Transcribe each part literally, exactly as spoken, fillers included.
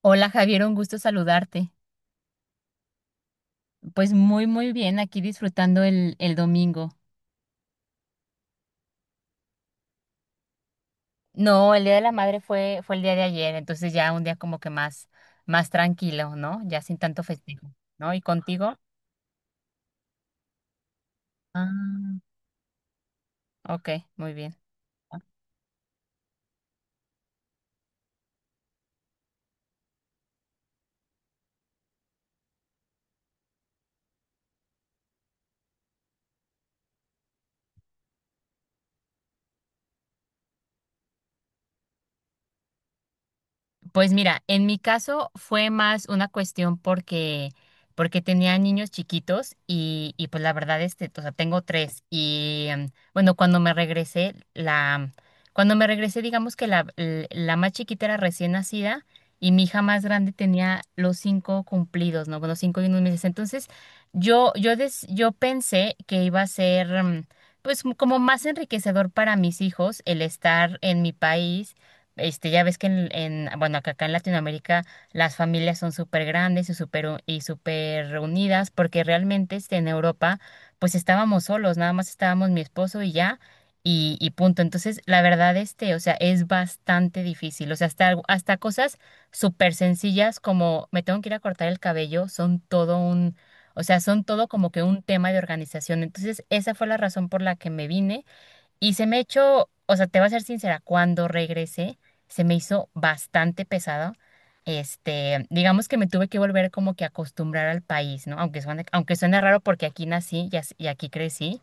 Hola Javier, un gusto saludarte. Pues muy, muy bien, aquí disfrutando el, el domingo. No, el Día de la Madre fue, fue el día de ayer, entonces ya un día como que más, más tranquilo, ¿no? Ya sin tanto festejo, ¿no? ¿Y contigo? Ah, ok, muy bien. Pues mira, en mi caso fue más una cuestión porque, porque tenía niños chiquitos y, y pues la verdad, este, o sea, tengo tres y em, bueno, cuando me regresé, la, cuando me regresé, digamos que la, l- la más chiquita era recién nacida y mi hija más grande tenía los cinco cumplidos, ¿no? Bueno, cinco y unos meses. Entonces, yo, yo, des- yo pensé que iba a ser, em, pues como más enriquecedor para mis hijos el estar en mi país, este, ya ves que en, en- bueno, que acá en Latinoamérica las familias son súper grandes y súper u- y súper reunidas, porque realmente, este, en Europa, pues estábamos solos, nada más estábamos mi esposo y ya, y, y punto. Entonces, la verdad, este, o sea, es bastante difícil. O sea, hasta, algo- hasta cosas súper sencillas como me tengo que ir a cortar el cabello, son todo un, o sea, son todo como que un tema de organización. Entonces, esa fue la razón por la que me vine. Y se me echó, o sea, te voy a ser sincera, cuando regresé se me hizo bastante pesado. Este, digamos que me tuve que volver como que a acostumbrar al país, ¿no? Aunque suene, aunque suene raro porque aquí nací y as- y aquí crecí,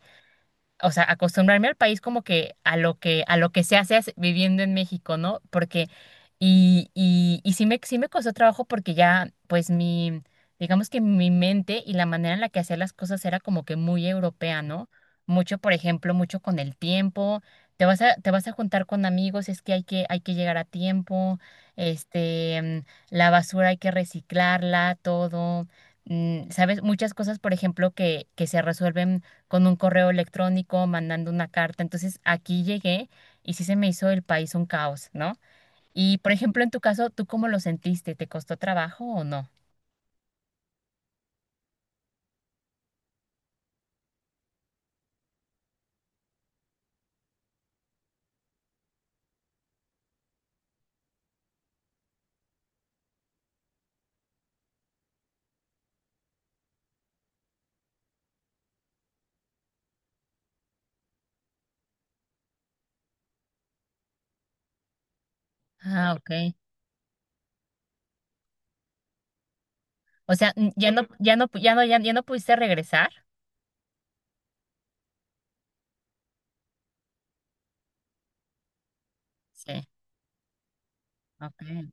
o sea, acostumbrarme al país como que a lo que, a lo que, se hace as- viviendo en México, ¿no? Porque, y, y, y sí me, sí me costó trabajo porque ya, pues mi, digamos que mi mente y la manera en la que hacía las cosas era como que muy europea, ¿no? Mucho, por ejemplo, mucho con el tiempo, te vas a, te vas a juntar con amigos, es que hay que, hay que llegar a tiempo, este, mm, la basura hay que reciclarla, todo. mm, ¿Sabes? Muchas cosas, por ejemplo, que, que se resuelven con un correo electrónico, mandando una carta. Entonces aquí llegué y sí se me hizo el país un caos, ¿no? Y por ejemplo, en tu caso, ¿tú cómo lo sentiste? ¿Te costó trabajo o no? Ah, ok. O sea, n- ya no, ya no, pu- ya no, ya, ya no pudiste regresar. Sí, ok.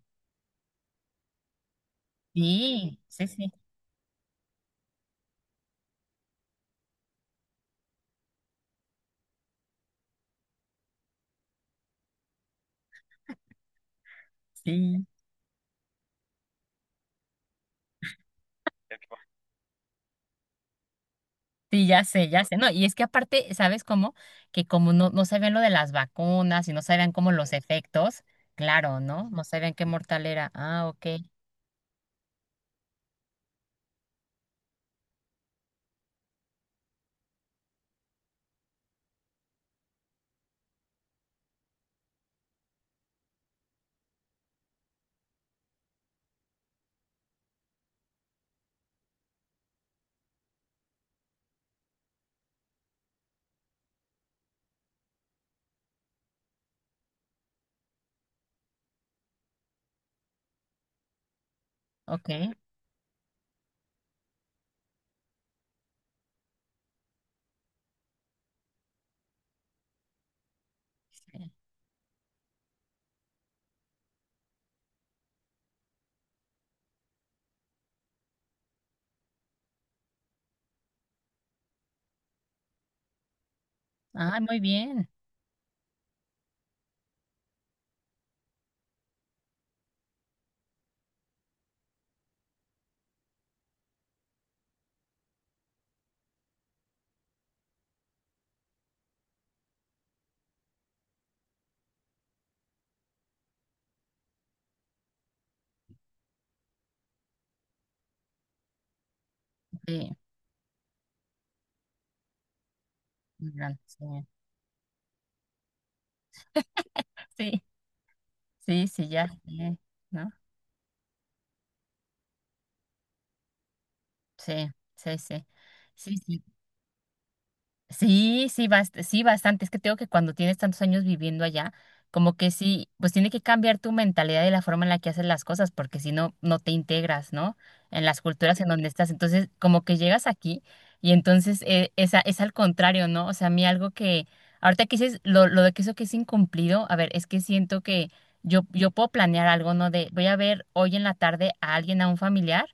Sí, sí, sí, sí. Sí, ya sé, ya sé. No, y es que aparte, ¿sabes cómo? Que como no, no sabían lo de las vacunas y no sabían cómo los efectos, claro, ¿no? No sabían qué mortal era. Ah, ok, ok. Sí. Ah, muy bien. Sí, muy grande, sí. Sí, sí, sí, ya sé, ¿no? Sí, sí, sí. Sí, sí, sí, sí, bast- sí, bastante. Es que tengo que cuando tienes tantos años viviendo allá, como que sí, pues tiene que cambiar tu mentalidad y la forma en la que haces las cosas, porque si no, no te integras, ¿no? En las culturas en donde estás. Entonces, como que llegas aquí y entonces, eh, es, a- es al contrario, ¿no? O sea, a mí algo que, ahorita que dices lo, lo de que eso que es incumplido, a ver, es que siento que yo, yo puedo planear algo, ¿no? De voy a ver hoy en la tarde a alguien, a un familiar,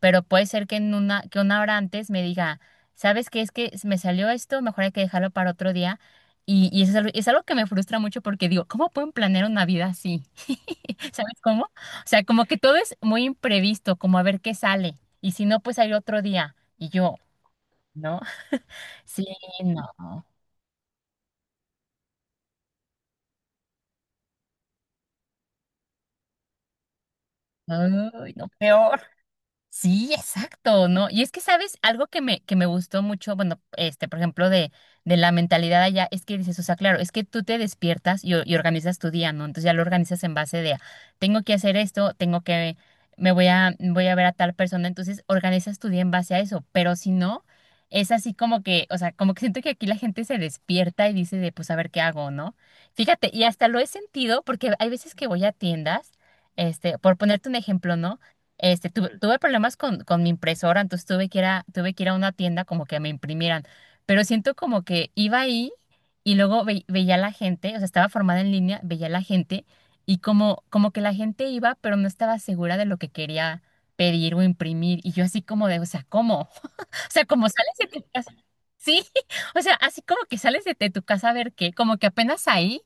pero puede ser que en una, que una hora antes me diga, ¿sabes qué? Es que me salió esto, mejor hay que dejarlo para otro día. Y, y eso es algo, es algo, que me frustra mucho porque digo, ¿cómo pueden planear una vida así? ¿Sabes cómo? O sea, como que todo es muy imprevisto, como a ver qué sale. Y si no, pues hay otro día. Y yo, ¿no? Sí, no. Uy, no, peor. Sí, exacto, ¿no? Y es que, ¿sabes? Algo que me, que me gustó mucho, bueno, este, por ejemplo, de, de la mentalidad allá, es que dices, o sea, claro, es que tú te despiertas y, o- y organizas tu día, ¿no? Entonces ya lo organizas en base de, tengo que hacer esto, tengo que, me voy a, voy a ver a tal persona, entonces organizas tu día en base a eso, pero si no, es así como que, o sea, como que siento que aquí la gente se despierta y dice de, pues, a ver qué hago, ¿no? Fíjate, y hasta lo he sentido porque hay veces que voy a tiendas, este, por ponerte un ejemplo, ¿no? Este, tuve, tuve problemas con, con mi impresora, entonces tuve que ir a, tuve que ir a una tienda como que me imprimieran. Pero siento como que iba ahí y luego ve- veía a la gente, o sea, estaba formada en línea, veía a la gente y como, como que la gente iba, pero no estaba segura de lo que quería pedir o imprimir. Y yo así como de, o sea, ¿cómo? O sea, como sales de tu casa. Sí, o sea, así como que sales de, de tu casa a ver qué, como que apenas ahí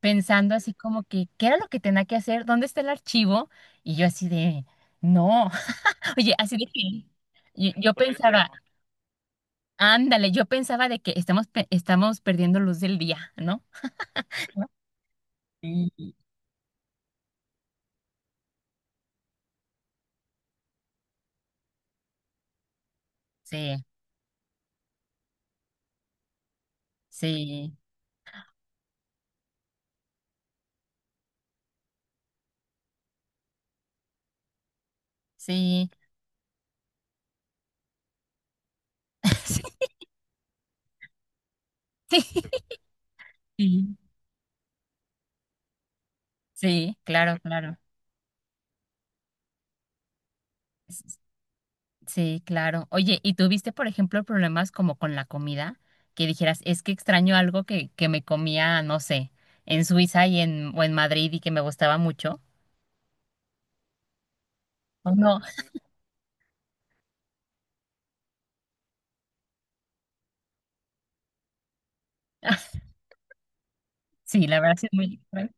pensando así como que, ¿qué era lo que tenía que hacer? ¿Dónde está el archivo? Y yo así de. No. Oye, así de que yo, yo pensaba, ándale, yo pensaba de que estamos, pe- estamos perdiendo luz del día, ¿no? Sí, sí, sí, sí, sí, sí, sí, claro, claro, s- sí, claro. Oye, ¿y tuviste, por ejemplo, problemas como con la comida? Que dijeras, es que extraño algo que, que me comía, no sé, en Suiza y en, o en Madrid y que me gustaba mucho. ¿O no? Sí, la verdad sí es muy extraño.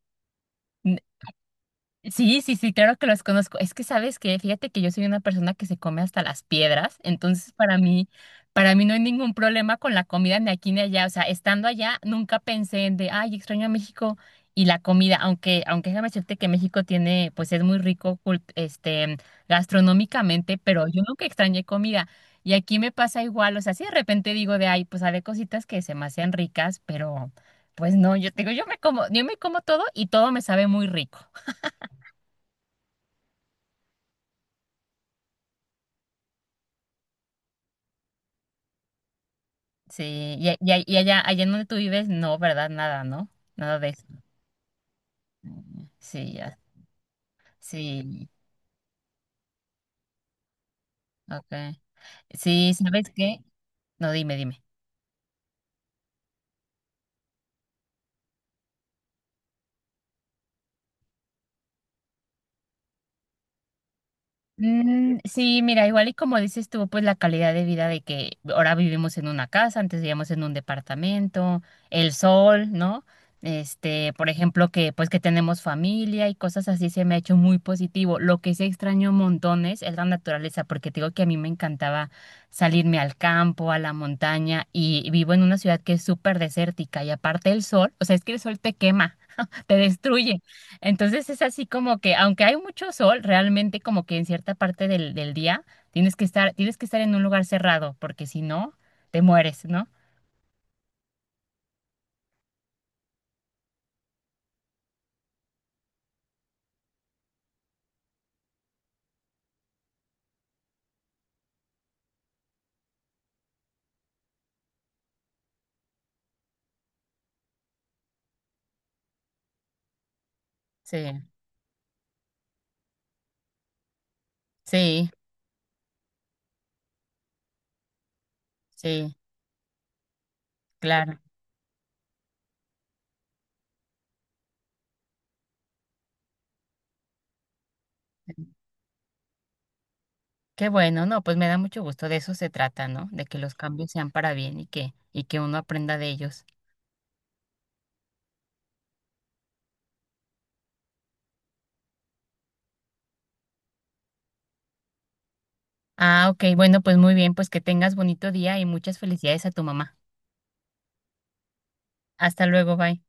Sí, sí, sí, claro que los conozco. Es que sabes que, fíjate que yo soy una persona que se come hasta las piedras, entonces para mí, para mí, no hay ningún problema con la comida ni aquí ni allá. O sea, estando allá, nunca pensé en de, ay, extraño a México y la comida, aunque, aunque déjame decirte que México tiene, pues es muy rico, cult- este, gastronómicamente, pero yo nunca extrañé comida. Y aquí me pasa igual, o sea, si de repente digo de, ay, pues hay cositas que se me hacen ricas, pero pues no, yo te digo, yo me como, yo me como, todo y todo me sabe muy rico. Sí, y, a- y- a- y allá, allá en donde tú vives, no, ¿verdad? Nada, ¿no? Nada de eso. Sí, ya. Sí, ok. Sí, ¿sabes qué? No, dime, dime. Mm, sí, mira, igual y como dices tú, pues la calidad de vida de que ahora vivimos en una casa, antes vivíamos en un departamento, el sol, ¿no? Este, por ejemplo, que pues que tenemos familia y cosas así se me ha hecho muy positivo. Lo que sí extraño montones es la naturaleza, porque te digo que a mí me encantaba salirme al campo, a la montaña y vivo en una ciudad que es súper desértica y aparte el sol, o sea, es que el sol te quema, te destruye. Entonces es así como que, aunque hay mucho sol, realmente como que en cierta parte del, del día tienes que estar, tienes que estar en un lugar cerrado, porque si no, te mueres, ¿no? Sí, sí, sí, claro. Qué bueno, no, pues me da mucho gusto, de eso se trata, ¿no? De que los cambios sean para bien y que, y que, uno aprenda de ellos. Ah, ok, bueno, pues muy bien, pues que tengas bonito día y muchas felicidades a tu mamá. Hasta luego, bye.